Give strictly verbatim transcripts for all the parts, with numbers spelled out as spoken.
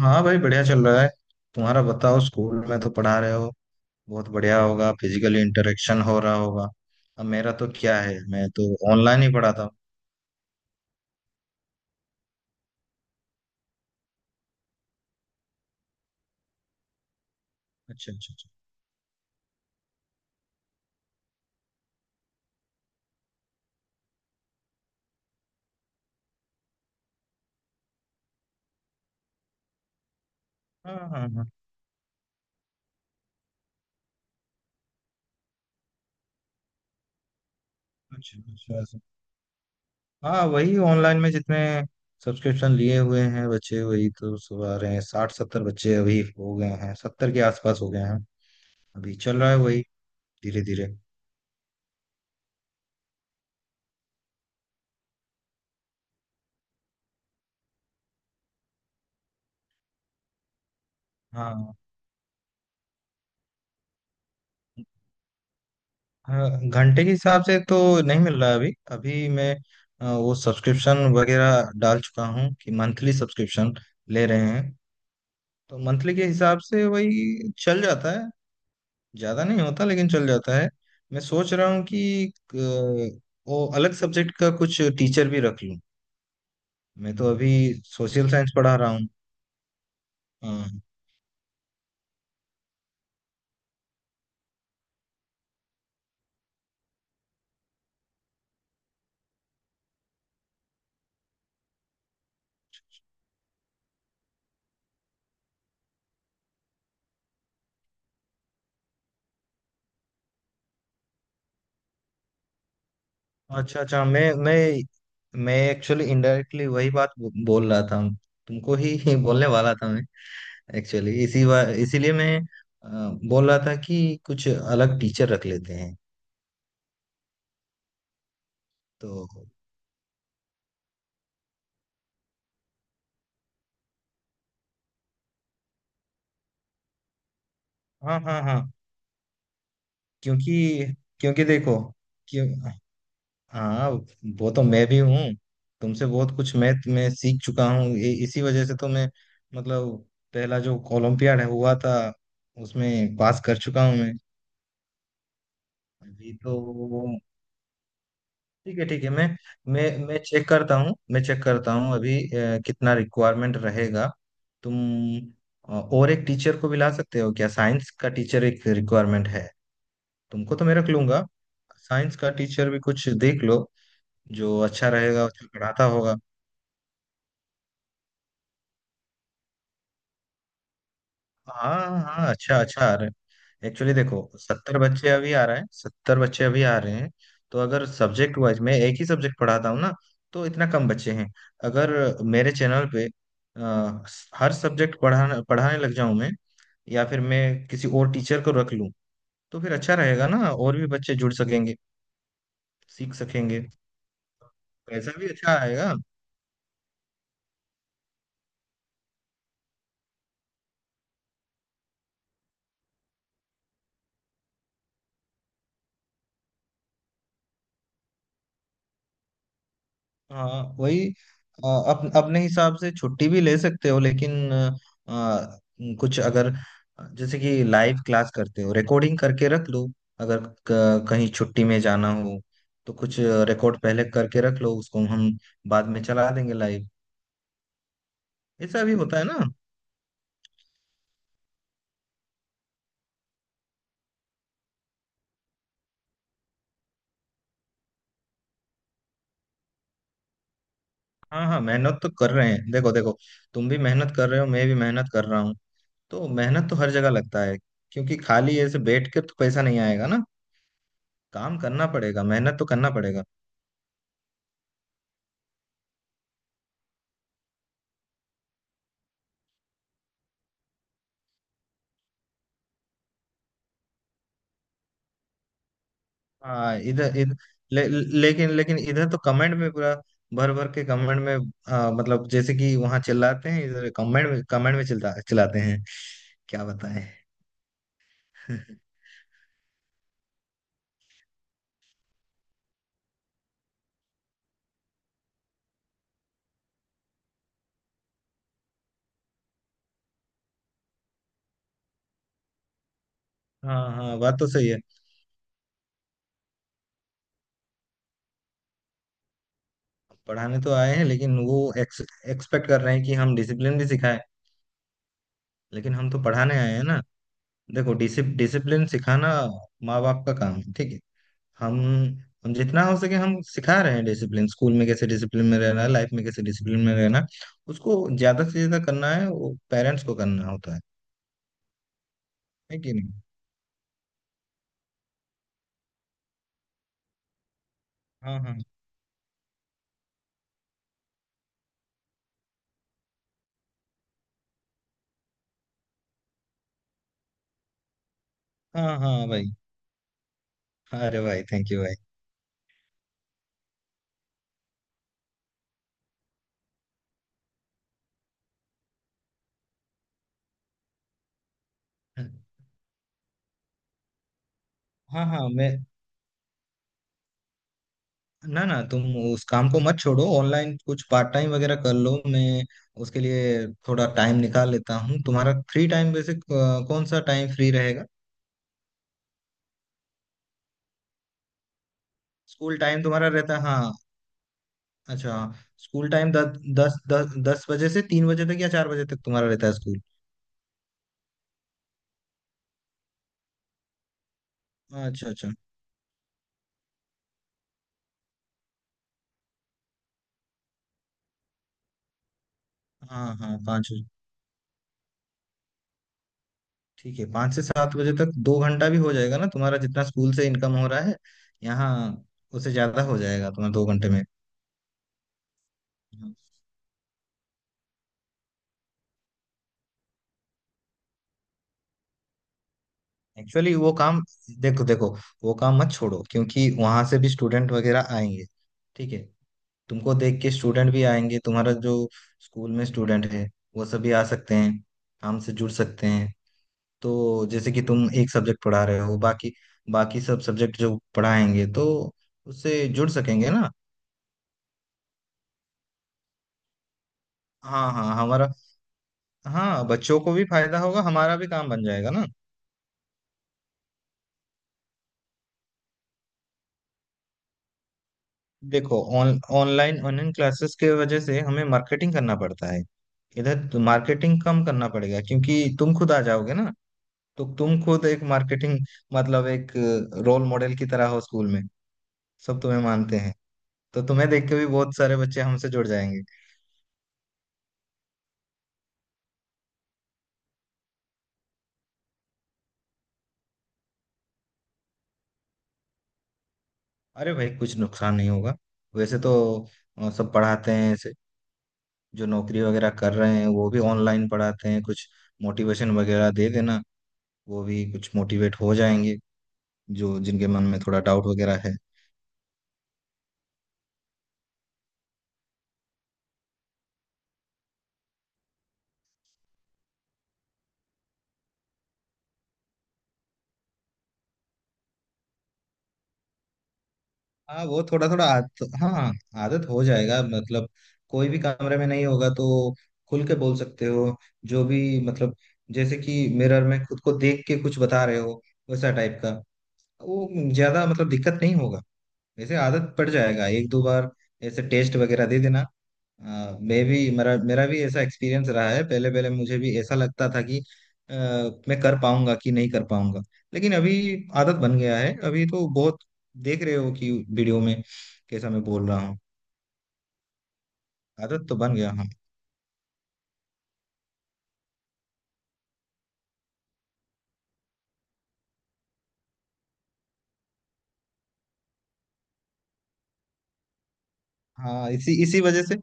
हाँ भाई, बढ़िया चल रहा है। तुम्हारा बताओ, स्कूल में तो पढ़ा रहे हो। बहुत बढ़िया होगा, फिजिकल इंटरेक्शन हो रहा होगा। अब मेरा तो क्या है, मैं तो ऑनलाइन ही पढ़ाता हूँ। अच्छा, अच्छा, अच्छा। हाँ, हाँ, हाँ। अच्छा, अच्छा, ऐसा। हाँ, वही ऑनलाइन में जितने सब्सक्रिप्शन लिए हुए हैं बच्चे, वही तो सब आ रहे हैं। साठ सत्तर बच्चे अभी हो गए हैं, सत्तर के आसपास हो गए हैं। अभी चल रहा है वही। धीरे धीरे। हाँ हाँ, घंटे के हिसाब से तो नहीं मिल रहा है। अभी अभी मैं अ, वो सब्सक्रिप्शन वगैरह डाल चुका हूँ कि मंथली सब्सक्रिप्शन ले रहे हैं। तो मंथली के हिसाब से वही चल जाता है। ज़्यादा नहीं होता, लेकिन चल जाता है। मैं सोच रहा हूँ कि अ, वो अलग सब्जेक्ट का कुछ टीचर भी रख लूँ। मैं तो अभी सोशल साइंस पढ़ा रहा हूँ। हाँ। अच्छा अच्छा, मैं मैं मैं एक्चुअली इनडायरेक्टली वही बात बो- बोल रहा था। तुमको ही बोलने वाला था मैं। एक्चुअली इसी वा इसीलिए मैं अ, बोल रहा था कि कुछ अलग टीचर रख लेते हैं। तो। हाँ, हाँ, हाँ। क्योंकि क्योंकि देखो। क्यों? हाँ। वो तो मैं भी हूँ। तुमसे बहुत कुछ मैथ में सीख चुका हूँ, ये- इसी वजह से तो मैं। मतलब, पहला जो ओलंपियाड हुआ था, उसमें पास कर चुका हूँ मैं। अभी तो। ठीक है ठीक है, मैं मैं मैं चेक करता हूँ, मैं चेक करता हूँ अभी। अ, कितना रिक्वायरमेंट रहेगा। तुम अ, और एक टीचर को भी ला सकते हो क्या? साइंस का टीचर एक रिक्वायरमेंट है। तुमको तो मैं रख लूंगा। साइंस का टीचर भी कुछ देख लो। जो अच्छा रहेगा, अच्छा पढ़ाता होगा। हाँ हाँ, अच्छा अच्छा आ रहे हैं। एक्चुअली देखो, सत्तर बच्चे अभी आ रहे हैं, सत्तर बच्चे अभी आ रहे हैं। तो अगर सब्जेक्ट वाइज मैं एक ही सब्जेक्ट पढ़ाता हूँ ना, तो इतना कम बच्चे हैं। अगर मेरे चैनल पे अ, हर सब्जेक्ट पढ़ाने पढ़ाने लग जाऊं मैं, या फिर मैं किसी और टीचर को रख लूँ, तो फिर अच्छा रहेगा ना। और भी बच्चे जुड़ सकेंगे, सीख सकेंगे। पैसा भी अच्छा आएगा। हाँ वही, अ, अप, अपने हिसाब से छुट्टी भी ले सकते हो, लेकिन अ, अ, कुछ अगर, जैसे कि लाइव क्लास करते हो, रिकॉर्डिंग करके रख लो। अगर क- कहीं छुट्टी में जाना हो, तो कुछ रिकॉर्ड पहले करके रख लो, उसको हम बाद में चला देंगे लाइव। ऐसा भी होता है ना। हाँ हाँ, मेहनत तो कर रहे हैं, देखो देखो। तुम भी मेहनत कर रहे हो, मैं भी मेहनत कर रहा हूँ। तो मेहनत तो हर जगह लगता है। क्योंकि खाली ऐसे बैठ के तो पैसा नहीं आएगा ना। काम करना पड़ेगा, मेहनत तो करना पड़ेगा। हाँ, इधर इधर ले, लेकिन लेकिन इधर तो कमेंट में पूरा भर भर के कमेंट में, आ, मतलब जैसे कि वहां चिल्लाते हैं, इधर कमेंट में कमेंट में चिल्ला चिल्लाते हैं। क्या बताएं। हाँ हाँ, बात तो सही है। पढ़ाने तो आए हैं, लेकिन वो एक्स, एक्सपेक्ट कर रहे हैं कि हम डिसिप्लिन भी सिखाएं। लेकिन हम तो पढ़ाने आए हैं ना। देखो, डिसिप, डिसिप्लिन सिखाना माँ बाप का काम है, ठीक है। हम हम जितना हो सके हम सिखा रहे हैं डिसिप्लिन। स्कूल में कैसे डिसिप्लिन में रहना है, लाइफ में कैसे डिसिप्लिन में रहना है। उसको ज्यादा से ज्यादा करना है, वो पेरेंट्स को करना होता है। है कि नहीं? हाँ हाँ, हाँ हाँ भाई। अरे भाई, थैंक यू भाई। हाँ हाँ, मैं, ना ना तुम उस काम को मत छोड़ो। ऑनलाइन कुछ पार्ट टाइम वगैरह कर लो, मैं उसके लिए थोड़ा टाइम निकाल लेता हूँ। तुम्हारा फ्री टाइम वैसे, अ, कौन सा टाइम फ्री रहेगा? स्कूल टाइम तुम्हारा रहता है, हाँ। अच्छा, स्कूल टाइम दस दस दस दस बजे से तीन बजे तक या चार बजे तक तुम्हारा रहता है स्कूल। अच्छा अच्छा। हाँ हाँ, पाँच बजे। ठीक है, पाँच से सात बजे तक दो घंटा भी हो जाएगा ना। तुम्हारा जितना स्कूल से इनकम हो रहा है यहाँ, उससे ज्यादा हो जाएगा तुम्हारा दो घंटे में। एक्चुअली वो काम, देखो देखो, वो काम मत छोड़ो क्योंकि वहां से भी स्टूडेंट वगैरह आएंगे। ठीक है। तुमको देख के स्टूडेंट भी आएंगे। तुम्हारा जो स्कूल में स्टूडेंट है, वो सभी आ सकते हैं, काम से जुड़ सकते हैं। तो जैसे कि तुम एक सब्जेक्ट पढ़ा रहे हो, बाकी बाकी सब सब्जेक्ट जो पढ़ाएंगे, तो उससे जुड़ सकेंगे ना। हाँ हाँ, हमारा, हाँ, बच्चों को भी फायदा होगा, हमारा भी काम बन जाएगा ना। देखो, ऑन ऑनलाइन ऑनलाइन क्लासेस के वजह से हमें मार्केटिंग करना पड़ता है। इधर तो मार्केटिंग कम करना पड़ेगा क्योंकि तुम खुद आ जाओगे ना। तो तुम खुद एक मार्केटिंग, मतलब एक रोल मॉडल की तरह हो स्कूल में। सब तुम्हें मानते हैं। तो तुम्हें देख के भी बहुत सारे बच्चे हमसे जुड़ जाएंगे। अरे भाई, कुछ नुकसान नहीं होगा। वैसे तो अ, सब पढ़ाते हैं ऐसे, जो नौकरी वगैरह कर रहे हैं वो भी ऑनलाइन पढ़ाते हैं। कुछ मोटिवेशन वगैरह दे देना, वो भी कुछ मोटिवेट हो जाएंगे, जो जिनके मन में थोड़ा डाउट वगैरह है। हाँ, वो थोड़ा थोड़ा आद, हाँ, आदत हो जाएगा। मतलब, कोई भी कमरे में नहीं होगा तो खुल के बोल सकते हो, जो भी, मतलब जैसे कि मिरर में खुद को देख के कुछ बता रहे हो, वैसा टाइप का। वो, ज्यादा मतलब दिक्कत नहीं होगा। वैसे आदत पड़ जाएगा, एक दो बार ऐसे टेस्ट वगैरह दे देना। आ, मैं भी, मेरा मेरा भी ऐसा एक्सपीरियंस रहा है। पहले पहले मुझे भी ऐसा लगता था कि आ, मैं कर पाऊंगा कि नहीं कर पाऊंगा। लेकिन अभी आदत बन गया है, अभी तो बहुत देख रहे हो कि वीडियो में कैसा मैं बोल रहा हूँ। आदत तो बन गया, हाँ। हाँ, इसी इसी वजह से,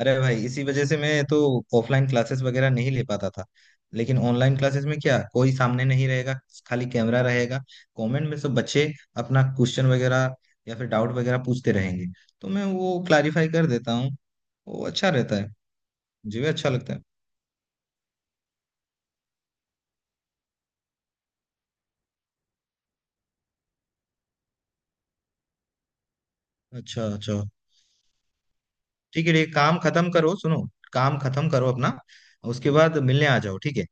अरे भाई, इसी वजह से मैं तो ऑफलाइन क्लासेस वगैरह नहीं ले पाता था। लेकिन ऑनलाइन क्लासेस में क्या, कोई सामने नहीं रहेगा, खाली कैमरा रहेगा। कमेंट में सब बच्चे अपना क्वेश्चन वगैरह या फिर डाउट वगैरह पूछते रहेंगे, तो मैं वो क्लारीफाई कर देता हूँ, वो अच्छा रहता है। मुझे भी अच्छा लगता है। अच्छा अच्छा। ठीक है ठीक है, काम खत्म करो, सुनो, काम खत्म करो अपना, उसके बाद मिलने आ जाओ, ठीक है।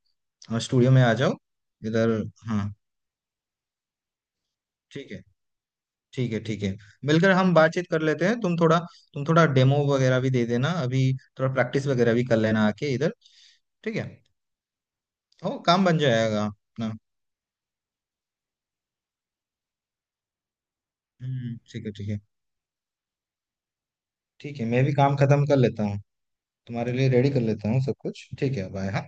हाँ, स्टूडियो में आ जाओ इधर। हाँ। ठीक है ठीक है। ठीक है, मिलकर हम बातचीत कर लेते हैं। तुम थोड़ा तुम थोड़ा डेमो वगैरह भी दे देना अभी, थोड़ा प्रैक्टिस वगैरह भी कर लेना आके इधर, ठीक है। हो, काम बन जाएगा अपना। हम्म ठीक है ठीक है। ठीक है, मैं भी काम खत्म कर लेता हूँ, तुम्हारे लिए रेडी कर लेता हूँ सब कुछ। ठीक है, बाय। हाँ।